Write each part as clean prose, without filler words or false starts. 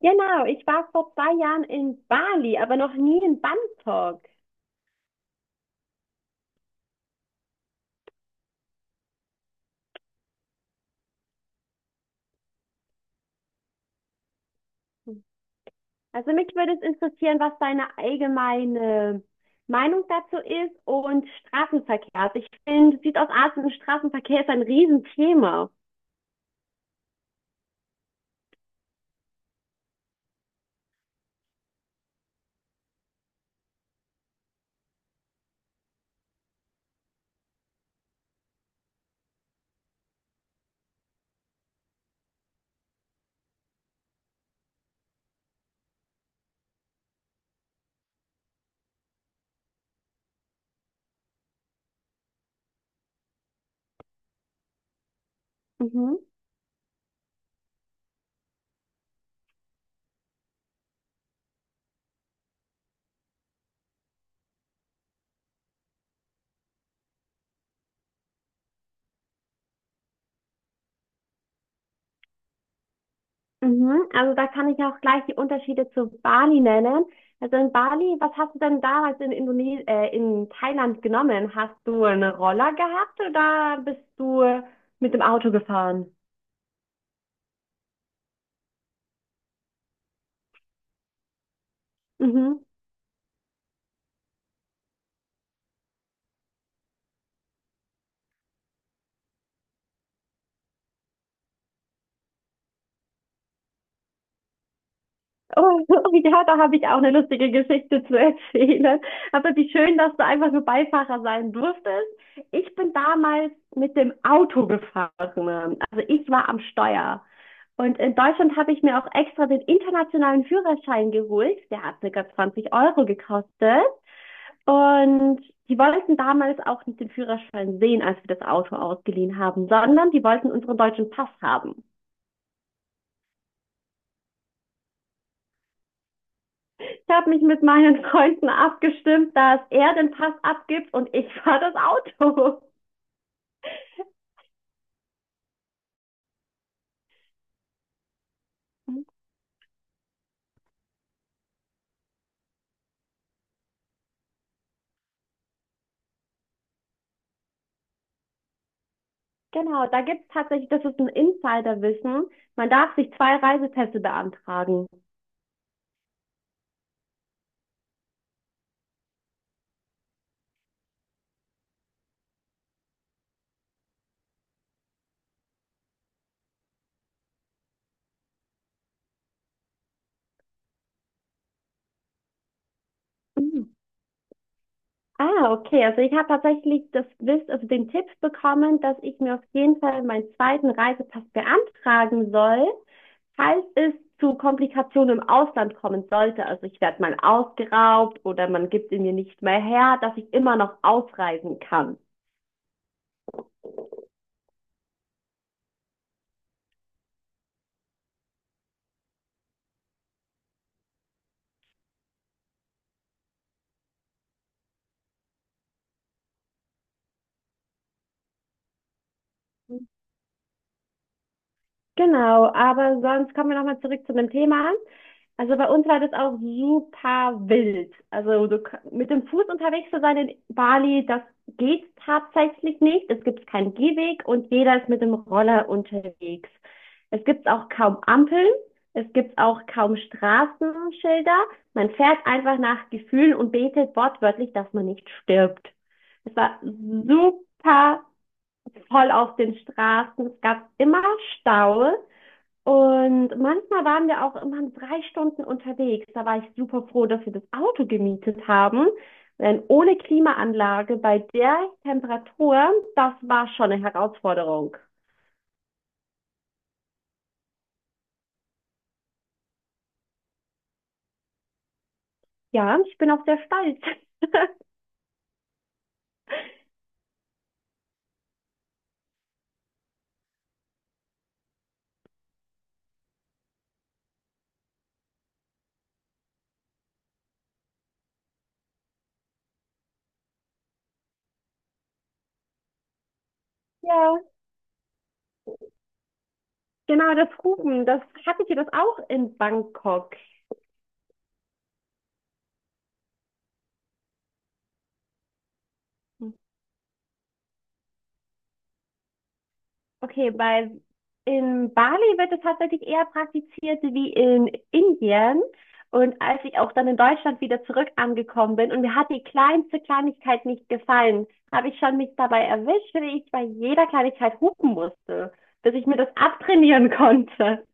Genau, ich war vor 2 Jahren in Bali, aber noch nie in Bangkok. Also mich würde es interessieren, was deine allgemeine Meinung dazu ist und Straßenverkehr. Also ich finde, Südostasien, Straßenverkehr ist ein Riesenthema. Mhm. Mhm. Also da kann ich auch gleich die Unterschiede zu Bali nennen. Also in Bali, was hast du denn damals in Indone in Thailand genommen? Hast du einen Roller gehabt oder bist du mit dem Auto gefahren? Mhm. Oh, ja, da habe ich auch eine lustige Geschichte zu erzählen. Aber wie schön, dass du einfach nur Beifahrer sein durftest. Ich bin damals mit dem Auto gefahren. Also ich war am Steuer. Und in Deutschland habe ich mir auch extra den internationalen Führerschein geholt. Der hat circa 20 Euro gekostet. Und die wollten damals auch nicht den Führerschein sehen, als wir das Auto ausgeliehen haben, sondern die wollten unseren deutschen Pass haben. Ich habe mich mit meinen Freunden abgestimmt, dass er den Pass abgibt und ich fahre das Auto. Genau, da gibt es tatsächlich, das ist ein Insiderwissen. Man darf sich zwei Reisepässe beantragen. Mhm. Ah, okay. Also ich habe tatsächlich das Wiss, also den Tipp bekommen, dass ich mir auf jeden Fall meinen zweiten Reisepass beantragen soll, falls es zu Komplikationen im Ausland kommen sollte. Also ich werde mal ausgeraubt oder man gibt ihn mir nicht mehr her, dass ich immer noch ausreisen kann. Genau, aber sonst kommen wir nochmal zurück zu dem Thema. Also bei uns war das auch super wild. Also mit dem Fuß unterwegs zu sein in Bali, das geht tatsächlich nicht. Es gibt keinen Gehweg und jeder ist mit dem Roller unterwegs. Es gibt auch kaum Ampeln. Es gibt auch kaum Straßenschilder. Man fährt einfach nach Gefühlen und betet wortwörtlich, dass man nicht stirbt. Es war super voll auf den Straßen. Es gab immer Stau. Und manchmal waren wir auch immer 3 Stunden unterwegs. Da war ich super froh, dass wir das Auto gemietet haben. Denn ohne Klimaanlage bei der Temperatur, das war schon eine Herausforderung. Ja, ich bin auch sehr stolz. Ja, genau, das Rufen, das hattet ihr das auch in Bangkok. Okay, bei in Bali wird es tatsächlich eher praktiziert wie in Indien. Und als ich auch dann in Deutschland wieder zurück angekommen bin und mir hat die kleinste Kleinigkeit nicht gefallen, habe ich schon mich dabei erwischt, wie ich bei jeder Kleinigkeit hupen musste, bis ich mir das abtrainieren konnte.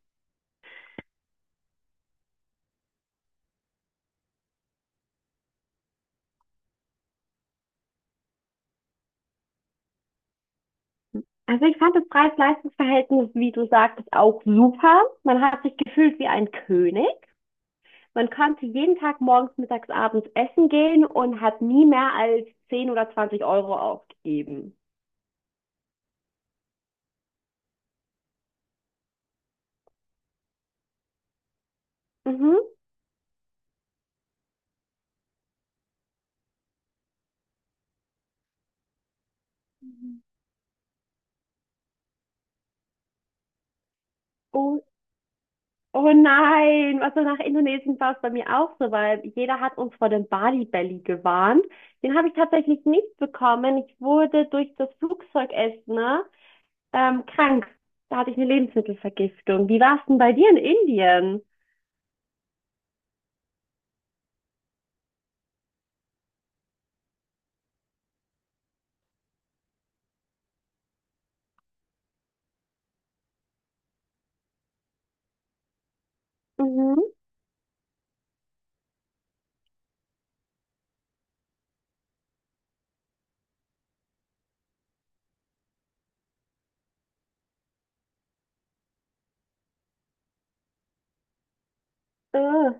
Also ich fand das Preis-Leistungs-Verhältnis, wie du sagtest, auch super. Man hat sich gefühlt wie ein König. Man konnte jeden Tag morgens, mittags, abends essen gehen und hat nie mehr als 10 oder 20 Euro aufgegeben. Mhm. Oh, oh nein, also nach Indonesien war es bei mir auch so, weil jeder hat uns vor dem Bali Belly gewarnt. Den habe ich tatsächlich nicht bekommen. Ich wurde durch das Flugzeugessen, ne, krank. Da hatte ich eine Lebensmittelvergiftung. Wie war es denn bei dir in Indien? Mhm. Äh.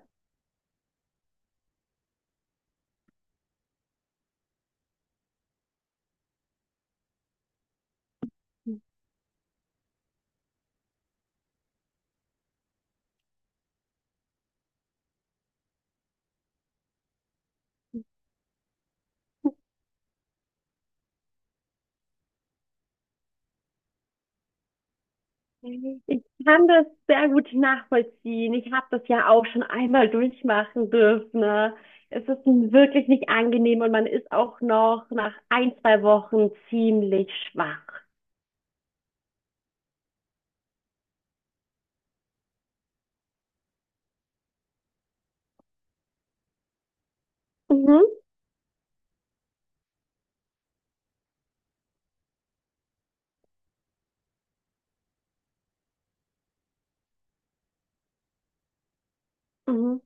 Ich kann das sehr gut nachvollziehen. Ich habe das ja auch schon einmal durchmachen dürfen, ne? Es ist wirklich nicht angenehm und man ist auch noch nach ein, zwei Wochen ziemlich schwach. Mhm, mhm.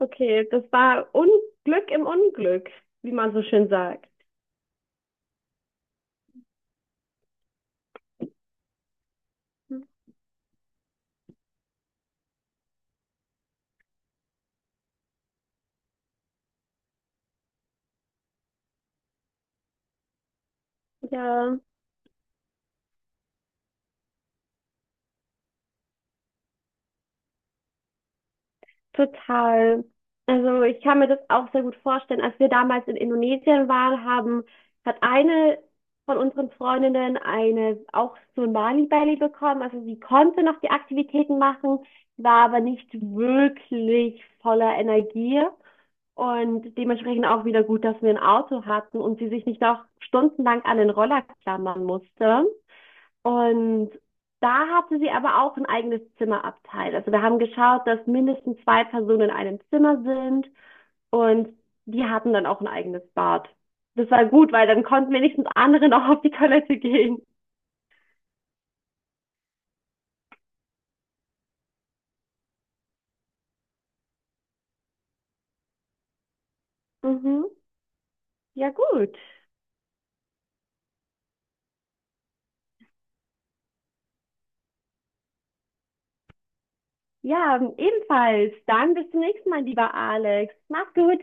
Okay, das war Unglück im Unglück, wie man so schön sagt. Ja. Total. Also ich kann mir das auch sehr gut vorstellen. Als wir damals in Indonesien waren, hat eine von unseren Freundinnen eine auch so ein Mali-Belly bekommen. Also sie konnte noch die Aktivitäten machen, war aber nicht wirklich voller Energie und dementsprechend auch wieder gut, dass wir ein Auto hatten und sie sich nicht noch stundenlang an den Roller klammern musste. Und da hatte sie aber auch ein eigenes Zimmerabteil. Also wir haben geschaut, dass mindestens zwei Personen in einem Zimmer sind und die hatten dann auch ein eigenes Bad. Das war gut, weil dann konnten wenigstens andere noch auf die Toilette gehen. Mhm. Ja, gut. Ja, ebenfalls. Dann bis zum nächsten Mal, lieber Alex. Mach's gut.